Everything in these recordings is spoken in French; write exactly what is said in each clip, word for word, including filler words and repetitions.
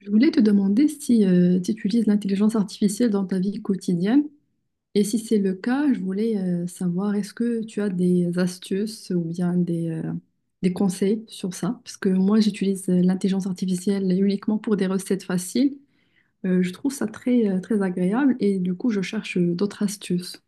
Je voulais te demander si, euh, si tu utilises l'intelligence artificielle dans ta vie quotidienne. Et si c'est le cas, je voulais euh, savoir est-ce que tu as des astuces ou bien des, euh, des conseils sur ça? Parce que moi, j'utilise euh, l'intelligence artificielle uniquement pour des recettes faciles. Euh, je trouve ça très, euh, très agréable et du coup, je cherche euh, d'autres astuces.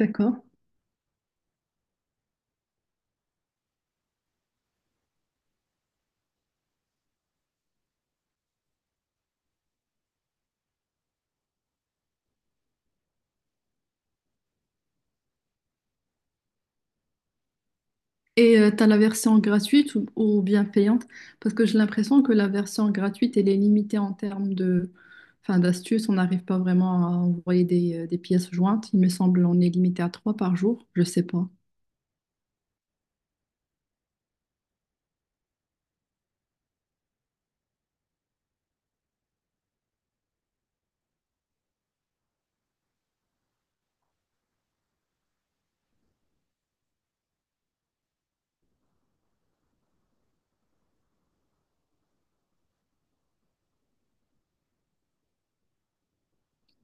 D'accord. Et euh, t'as la version gratuite ou, ou bien payante, parce que j'ai l'impression que la version gratuite, elle est limitée en termes de, enfin, d'astuces. On n'arrive pas vraiment à envoyer des, euh, des pièces jointes. Il me semble on est limité à trois par jour. Je sais pas.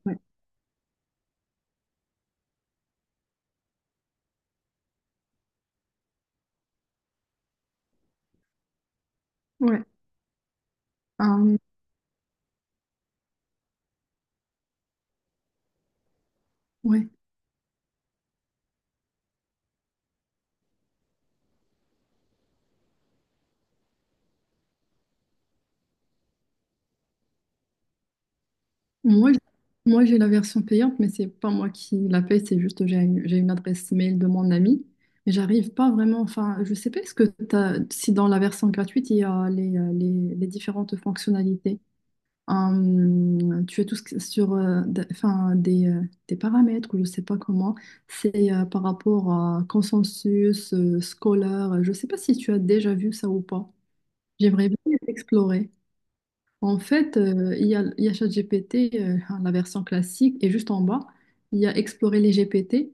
Ouais. Ouais. Euh, ouais. Moi, j- Moi, j'ai la version payante, mais c'est pas moi qui la paye. C'est juste j'ai une, j'ai une adresse mail de mon ami, mais j'arrive pas vraiment. Enfin, je sais pas. Est-ce que t'as, si dans la version gratuite, il y a les, euh, les les différentes fonctionnalités. Hum, tu as tout ce que- sur euh, de- enfin, des, euh, des paramètres ou je sais pas comment, c'est euh, par rapport à consensus euh, scolaire. Je sais pas si tu as déjà vu ça ou pas. J'aimerais bien explorer. En fait, euh, il y a, il y a ChatGPT, euh, hein, la version classique, et juste en bas, il y a explorer les G P T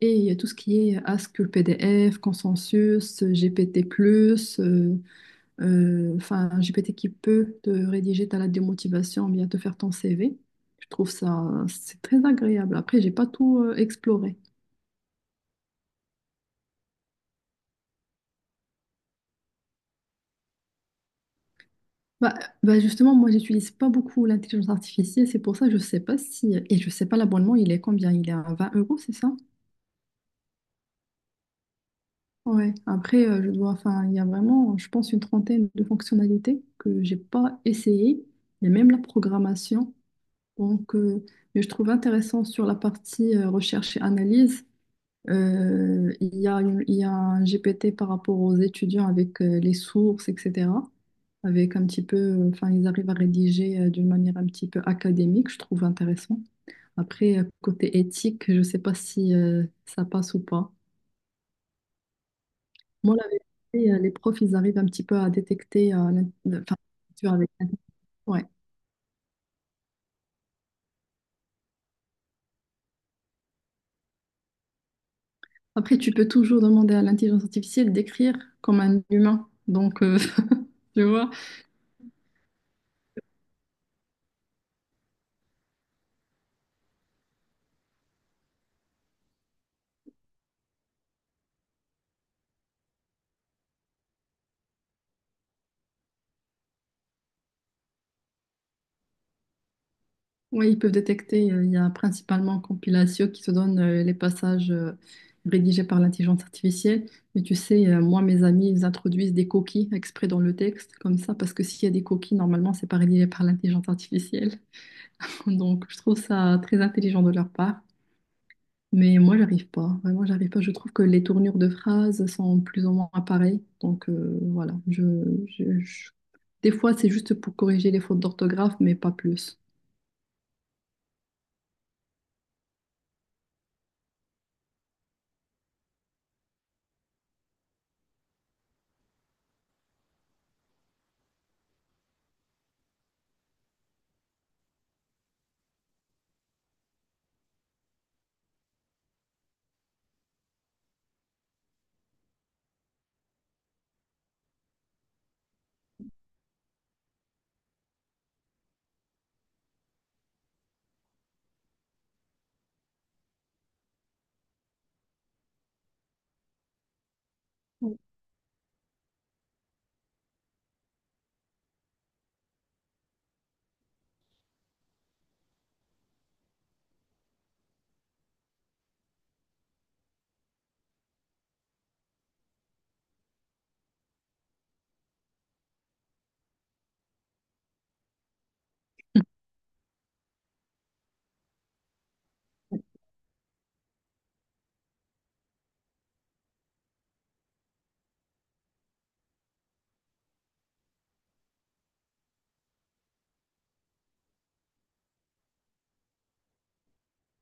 et il y a tout ce qui est euh, Ask P D F, consensus, G P T plus, euh, enfin, un G P T qui peut te rédiger ta lettre de motivation, bien te faire ton C V. Je trouve ça, c'est très agréable. Après, j'ai pas tout euh, exploré. Bah, bah justement, moi, j'utilise pas beaucoup l'intelligence artificielle, c'est pour ça que je sais pas si, et je sais pas l'abonnement, il est combien? Il est à vingt euros, c'est ça? Ouais. Après, euh, je dois, enfin, il y a vraiment, je pense, une trentaine de fonctionnalités que j'ai pas essayées, il y a même la programmation. Donc, euh, mais je trouve intéressant sur la partie euh, recherche et analyse. Euh, il y a, une- il y a un G P T par rapport aux étudiants avec euh, les sources, et cetera. Avec un petit peu, euh, enfin, ils arrivent à rédiger euh, d'une manière un petit peu académique, je trouve intéressant. Après, euh, côté éthique, je ne sais pas si euh, ça passe ou pas. Moi, la vérité, euh, les profs, ils arrivent un petit peu à détecter, euh, l'in- enfin, tu vois, avec- ouais. Après, tu peux toujours demander à l'intelligence artificielle d'écrire comme un humain. Donc, euh, tu vois. Oui, ils peuvent détecter. euh, Il y a principalement Compilatio qui te donne euh, les passages euh, rédigés par l'intelligence artificielle. Mais tu sais, euh, moi, mes amis, ils introduisent des coquilles exprès dans le texte, comme ça, parce que s'il y a des coquilles, normalement, c'est pas rédigé par l'intelligence artificielle. Donc, je trouve ça très intelligent de leur part. Mais moi, j'arrive pas. Vraiment, j'arrive pas. Je trouve que les tournures de phrases sont plus ou moins pareilles. Donc, euh, voilà. Je, je- je- Des fois, c'est juste pour corriger les fautes d'orthographe, mais pas plus.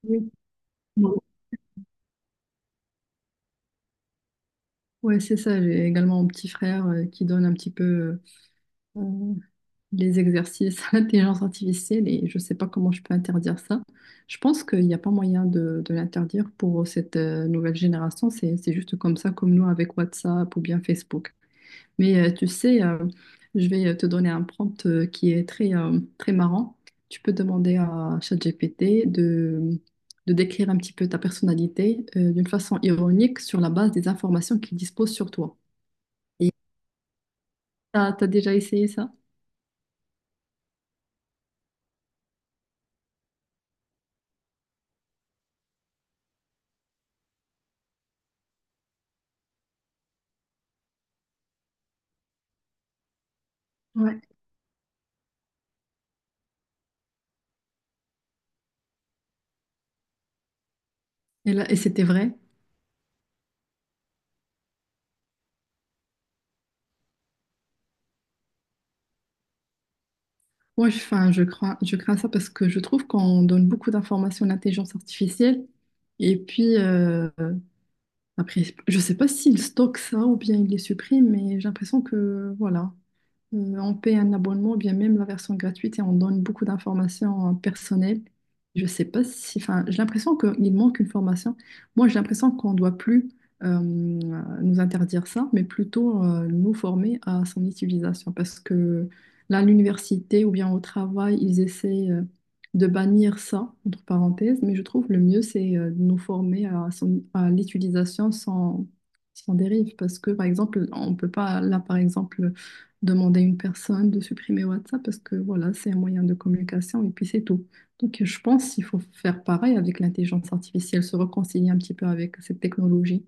Oui. Ouais, c'est ça. J'ai également mon petit frère euh, qui donne un petit peu euh, les exercices à l'intelligence artificielle et je sais pas comment je peux interdire ça. Je pense qu'il n'y a pas moyen de, de l'interdire pour cette euh, nouvelle génération. C'est, c'est juste comme ça, comme nous avec WhatsApp ou bien Facebook. Mais euh, tu sais, euh, je vais euh, te donner un prompt euh, qui est très, euh, très marrant. Tu peux demander à ChatGPT de, de décrire un petit peu ta personnalité euh, d'une façon ironique sur la base des informations qu'il dispose sur toi. Ah, t'as déjà essayé ça? Ouais. Et là, et c'était vrai? Moi, je, enfin, je crains, je crains ça parce que je trouve qu'on donne beaucoup d'informations à l'intelligence artificielle. Et puis, euh, après, je sais pas s'il stocke ça ou bien il les supprime, mais j'ai l'impression que, voilà. Euh, on paye un abonnement, ou bien même la version gratuite, et on donne beaucoup d'informations euh, personnelles. Je sais pas si, enfin, j'ai l'impression qu'il manque une formation. Moi, j'ai l'impression qu'on doit plus euh, nous interdire ça, mais plutôt euh, nous former à son utilisation. Parce que là, à l'université ou bien au travail, ils essaient euh, de bannir ça, entre parenthèses, mais je trouve le mieux, c'est euh, de nous former à, son- à l'utilisation sans, sans dérive. Parce que, par exemple, on peut pas, là, par exemple, demander à une personne de supprimer WhatsApp parce que voilà, c'est un moyen de communication et puis c'est tout. Donc je pense qu'il faut faire pareil avec l'intelligence artificielle, se réconcilier un petit peu avec cette technologie.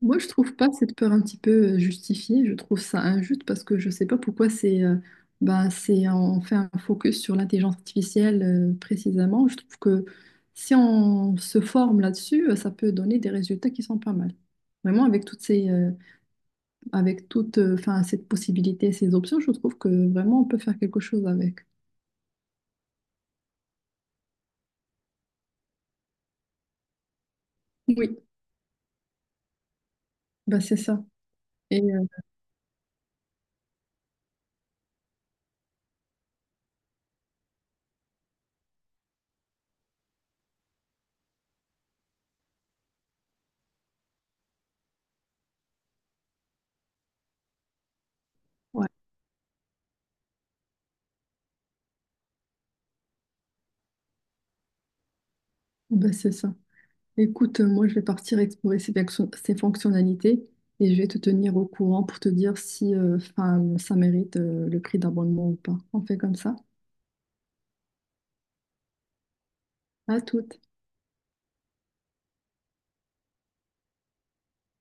Moi, je trouve pas cette peur un petit peu euh, justifiée, je trouve ça injuste parce que je sais pas pourquoi c'est euh, ben, c'est on fait un focus sur l'intelligence artificielle euh, précisément. Je trouve que si on se forme là-dessus, euh, ça peut donner des résultats qui sont pas mal. Vraiment avec toutes ces, euh, avec toute euh, enfin, cette possibilité, ces options, je trouve que vraiment on peut faire quelque chose avec. Oui, bah c'est ça. Et euh, ouais, bah c'est ça. Écoute, euh, moi je vais partir explorer ces, fonction- ces fonctionnalités et je vais te tenir au courant pour te dire si euh, enfin, ça mérite euh, le prix d'abonnement ou pas. On fait comme ça. À toutes.